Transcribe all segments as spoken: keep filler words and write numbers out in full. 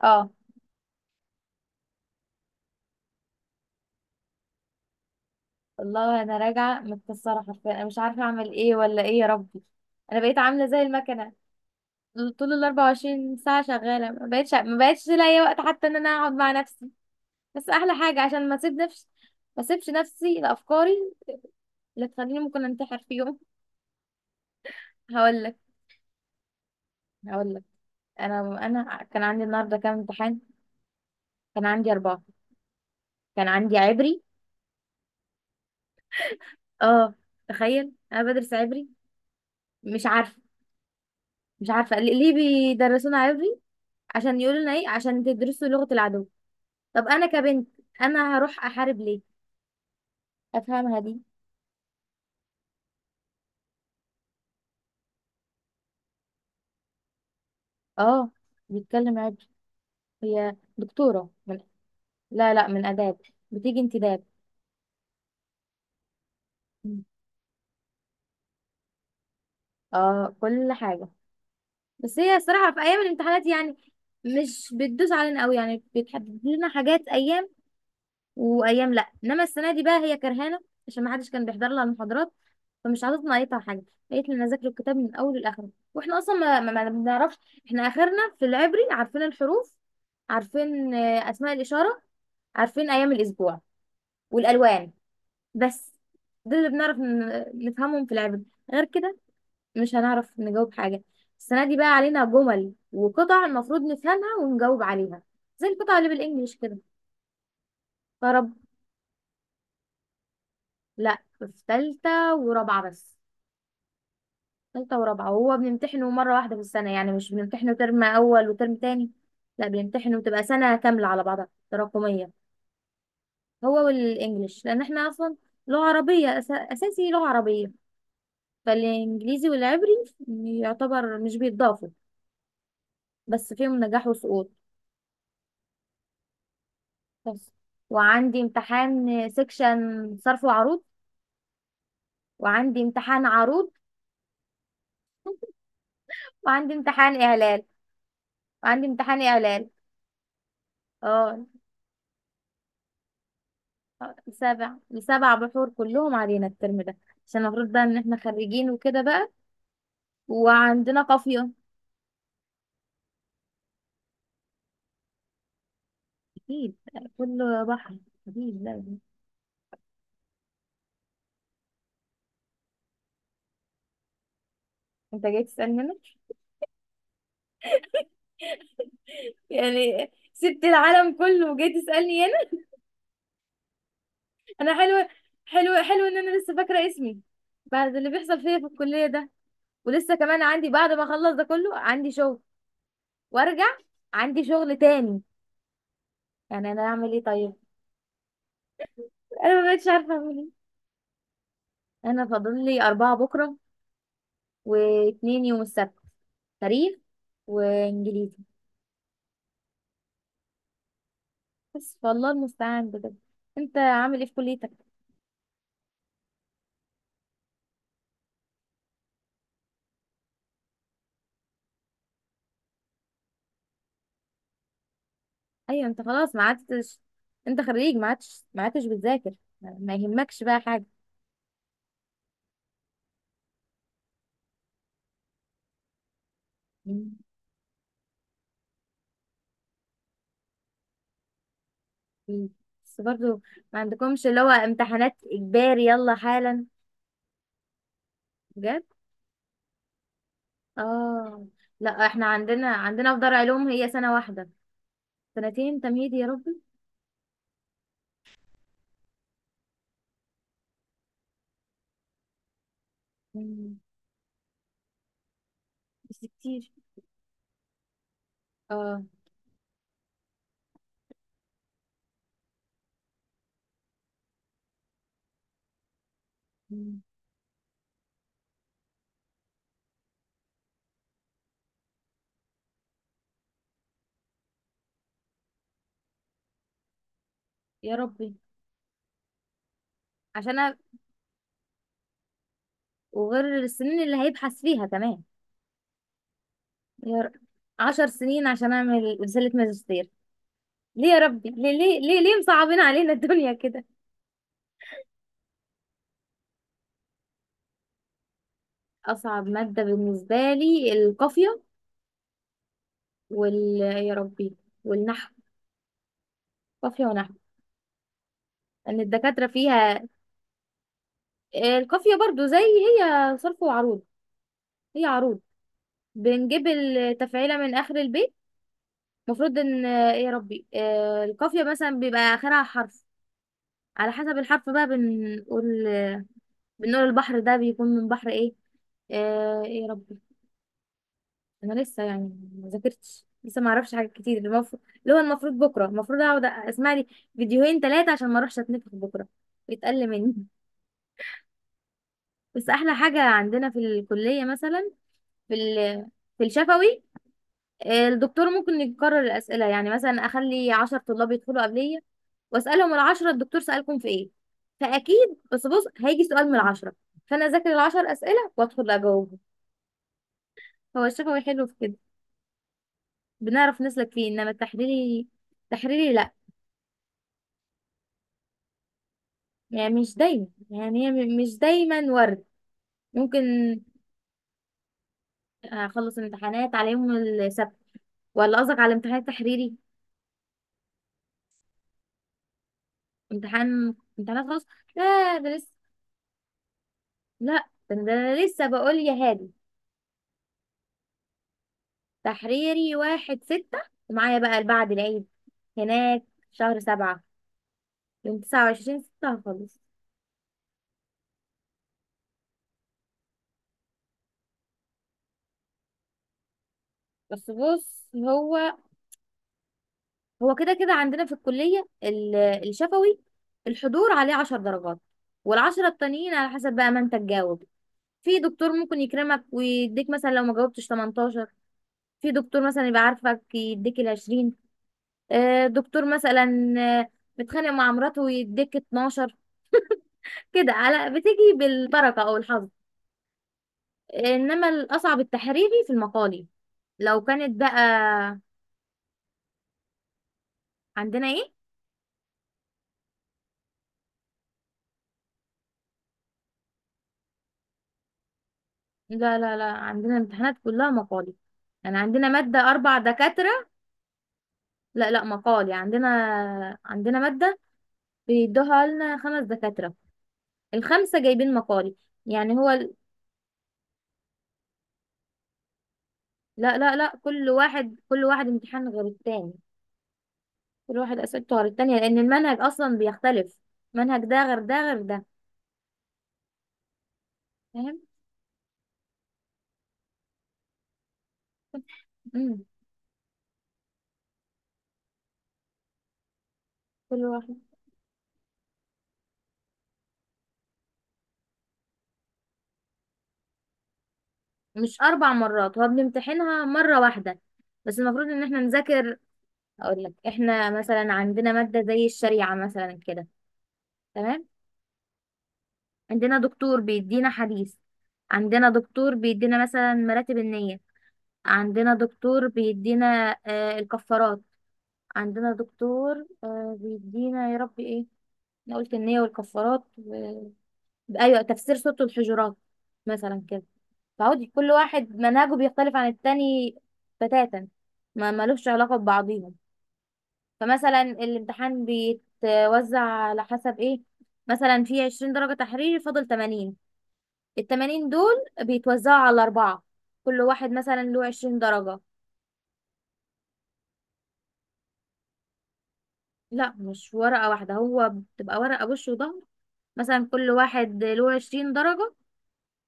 اه، والله انا راجعه متكسره حرفيا، انا مش عارفه اعمل ايه ولا ايه يا ربي. انا بقيت عامله زي المكنه. طول ال أربعة وعشرين ساعه شغاله، ما بقتش ما بقتش لاقيه وقت حتى ان انا اقعد مع نفسي. بس احلى حاجه عشان ما اسيب نفسي، ما اسيبش نفسي لافكاري اللي تخليني ممكن انتحر في يوم. هقول لك هقول لك انا انا كان عندي النهارده كام امتحان. كان عندي اربعه. كان عندي عبري. اه، تخيل انا بدرس عبري. مش عارفه مش عارفه ليه، ليه بيدرسونا عبري. عشان يقولوا لنا ايه، عشان تدرسوا لغة العدو. طب انا كبنت، انا هروح احارب ليه؟ افهمها دي. اه، بيتكلم عبري. هي دكتورة من، لا، لا، من اداب، بتيجي انتداب. مم. اه، كل حاجة. بس هي الصراحة في ايام الامتحانات يعني مش بتدوس علينا قوي، يعني بتحدد لنا حاجات ايام وايام، لا انما السنه دي بقى هي كرهانه عشان ما حدش كان بيحضر لها المحاضرات، فمش حاطط نقيتها حاجه. قالت لي انا اذاكر الكتاب من اوله لاخره، واحنا اصلا ما, ما, ما بنعرفش احنا اخرنا في العبري عارفين الحروف، عارفين آه، اسماء الاشاره، عارفين ايام الاسبوع والالوان بس. ده اللي بنعرف ن- نفهمهم في العبري. غير كده مش هنعرف نجاوب حاجه. السنه دي بقى علينا جمل وقطع المفروض نفهمها ونجاوب عليها، زي القطع اللي بالانجليش كده. فرب، لا في ثالثه ورابعه بس. تالتة ورابعة، وهو بنمتحنه مرة واحدة في السنة، يعني مش بنمتحنه ترم أول وترم تاني، لا بنمتحنه بتبقى سنة كاملة على بعضها تراكمية. هو والإنجليش، لأن احنا أصلا لغة عربية أس... أساسي لغة عربية، فالإنجليزي والعبري يعتبر مش بيتضافوا بس فيهم نجاح وسقوط. بس وعندي امتحان سكشن صرف وعروض، وعندي امتحان عروض، وعندي امتحان إعلال وعندي امتحان إعلال اه، سبع سبع بحور كلهم علينا الترم ده، عشان المفروض بقى ان احنا خريجين وكده بقى، وعندنا قافية. اكيد، كله بحر، اكيد لازم. انت جاي تسألني انا؟ يعني سبت العالم كله وجاي تسألني انا؟ انا حلوة، حلوة حلوة ان انا لسه فاكرة اسمي بعد اللي بيحصل فيا في الكلية ده. ولسه كمان عندي، بعد ما اخلص ده كله عندي شغل وارجع، عندي شغل تاني. يعني انا اعمل ايه طيب؟ انا ما بقتش عارفة اعمل ايه. انا فاضل لي اربعة بكرة، واتنين يوم السبت: تاريخ وانجليزي. بس والله المستعان بجد. انت عامل ايه في كليتك؟ ايوه، انت خلاص ما عدتش. انت خريج، ما عدتش ما عدتش بتذاكر. ما ما يهمكش بقى حاجه. مم. بس برضه ما عندكمش اللي هو امتحانات اجباري يلا حالا؟ بجد، اه. لا احنا عندنا عندنا في دار علوم هي سنه واحده. سنتين تمهيدي يا ربي. مم. بس كتير، اه. مم. يا ربي، عشان، وغير السنين اللي هيبحث فيها كمان، يا ر- عشر سنين عشان اعمل رسالة ماجستير. ليه يا ربي؟ ليه ليه ليه, ليه مصعبين علينا الدنيا كده؟ اصعب مادة بالنسبة لي القافية، وال يا ربي، والنحو. قافية ونحو ان الدكاترة فيها. آه، القافية برضو زي هي صرف وعروض. هي عروض، بنجيب التفعيلة من اخر البيت. المفروض ان آه، يا ربي آه، القافية مثلا بيبقى اخرها حرف. على حسب الحرف بقى بنقول، بنقول البحر ده بيكون من بحر ايه. آه، ايه يا ربي. انا لسه يعني ما ذاكرتش لسه، ما اعرفش حاجات كتير. المفروض اللي هو المفروض بكره، المفروض اقعد اسمع لي فيديوهين ثلاثه عشان ما اروحش اتنفخ بكره يتقل مني. بس احلى حاجه عندنا في الكليه مثلا في ال... في الشفوي، آه، الدكتور ممكن يكرر الاسئله. يعني مثلا اخلي عشرة طلاب يدخلوا قبليه واسالهم العشرة الدكتور سالكم في ايه. فاكيد بس بص هيجي سؤال من العشرة. فانا اذاكر العشر اسئله وادخل اجاوبه. هو الشفوي حلو في كده، بنعرف نسلك فيه، انما التحريري، تحريري لا. يعني مش دايما، يعني هي م- مش دايما ورد. ممكن اخلص الامتحانات على يوم السبت، ولا قصدك على امتحان تحريري؟ امتحان، امتحانات خلاص، لا ده لسه. لا ده أنا- ده أنا لسه بقول يا هادي. تحريري واحد ستة، ومعايا بقى بعد العيد هناك شهر سبعة، يوم تسعة وعشرين ستة هخلص. بس بص، هو هو كده كده عندنا في الكلية ال- الشفوي الحضور عليه عشر درجات. والعشرة التانيين على حسب بقى ما انت تجاوب. في دكتور ممكن يكرمك ويديك مثلا لو ما جاوبتش تمنتاشر. في دكتور مثلا يبقى عارفك يديك العشرين. آه، دكتور مثلا آه، متخانق مع مراته ويديك اتناشر. كده، على بتيجي بالبركة أو الحظ. إنما الأصعب التحريري في المقالي لو كانت بقى. عندنا إيه؟ لا، لا، لا، عندنا امتحانات كلها مقالي. يعني عندنا مادة أربع دكاترة، لا لا مقال، يعني عندنا، عندنا مادة بيدوها لنا خمس دكاترة، الخمسة جايبين مقالي. يعني هو ال- لا، لا، لا، كل واحد كل واحد امتحان غير التاني. كل واحد أسئلته غير التانية لأن المنهج أصلا بيختلف، منهج ده غير ده غير ده، فاهم. مم. كل واحد، مش أربع مرات، هو بنمتحنها مرة واحدة بس المفروض إن احنا نذاكر. أقول لك احنا مثلا عندنا مادة زي الشريعة مثلا كده، تمام. عندنا دكتور بيدينا حديث، عندنا دكتور بيدينا مثلا مراتب النية، عندنا دكتور بيدينا آه الكفارات، عندنا دكتور آه بيدينا يا ربي ايه. انا قلت النية والكفارات و... ايوه، تفسير سورة الحجرات مثلا كده. فعودي كل واحد منهجه بيختلف عن التاني بتاتا، ما ملوش علاقة ببعضيهم. فمثلا الامتحان بيتوزع على حسب ايه، مثلا في عشرين درجة تحريري، فاضل تمانين، التمانين دول بيتوزعوا على أربعة، كل واحد مثلا له عشرين درجة. لا مش ورقة واحدة، هو بتبقى ورقة وش وظهر. مثلا كل واحد له عشرين درجة،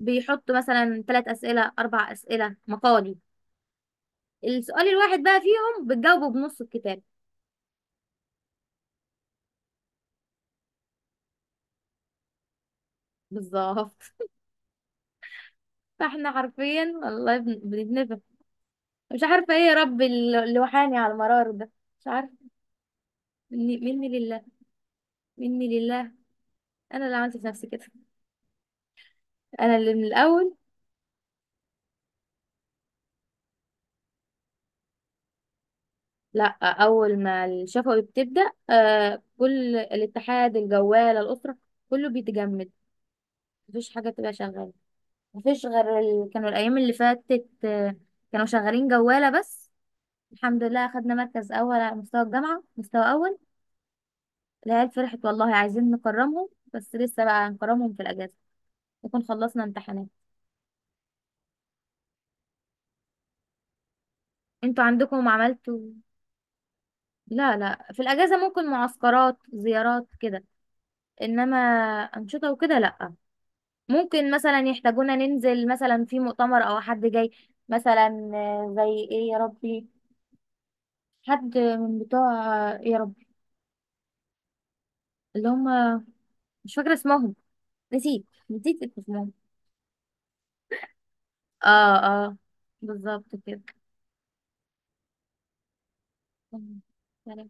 بيحط مثلا تلات أسئلة أربع أسئلة مقالي، السؤال الواحد بقى فيهم بتجاوبه بنص الكتاب. بالظبط. فاحنا حرفيا والله بن- بنتنفخ. مش عارفة ايه يا رب اللي اللي وحاني على المرار ده، مش عارفة. مني، مني لله، مني لله. انا اللي عملت في نفسي كده، انا اللي من الاول. لا اول ما الشفوي بتبدا آه كل الاتحاد، الجواله، الاسره، كله بيتجمد. مفيش حاجه بتبقى شغاله. مفيش غير ال... كانوا الايام اللي فاتت آه كانوا شغالين جواله بس. الحمد لله اخدنا مركز اول على مستوى الجامعه، مستوى اول. العيال فرحت والله، عايزين نكرمهم. بس لسه بقى هنكرمهم في الاجازه، نكون خلصنا امتحانات. انتوا عندكم عملتوا؟ لا لا، في الاجازه ممكن معسكرات زيارات كده، انما انشطه وكده لا. ممكن مثلا يحتاجونا ننزل مثلا في مؤتمر او حد جاي مثلا، آه، زي ايه يا ربي، حد من بتوع آه، يا ربي اللي هم مش فاكره اسمهم، نسيت نسيت اسمهم. اه، اه، بالظبط كده.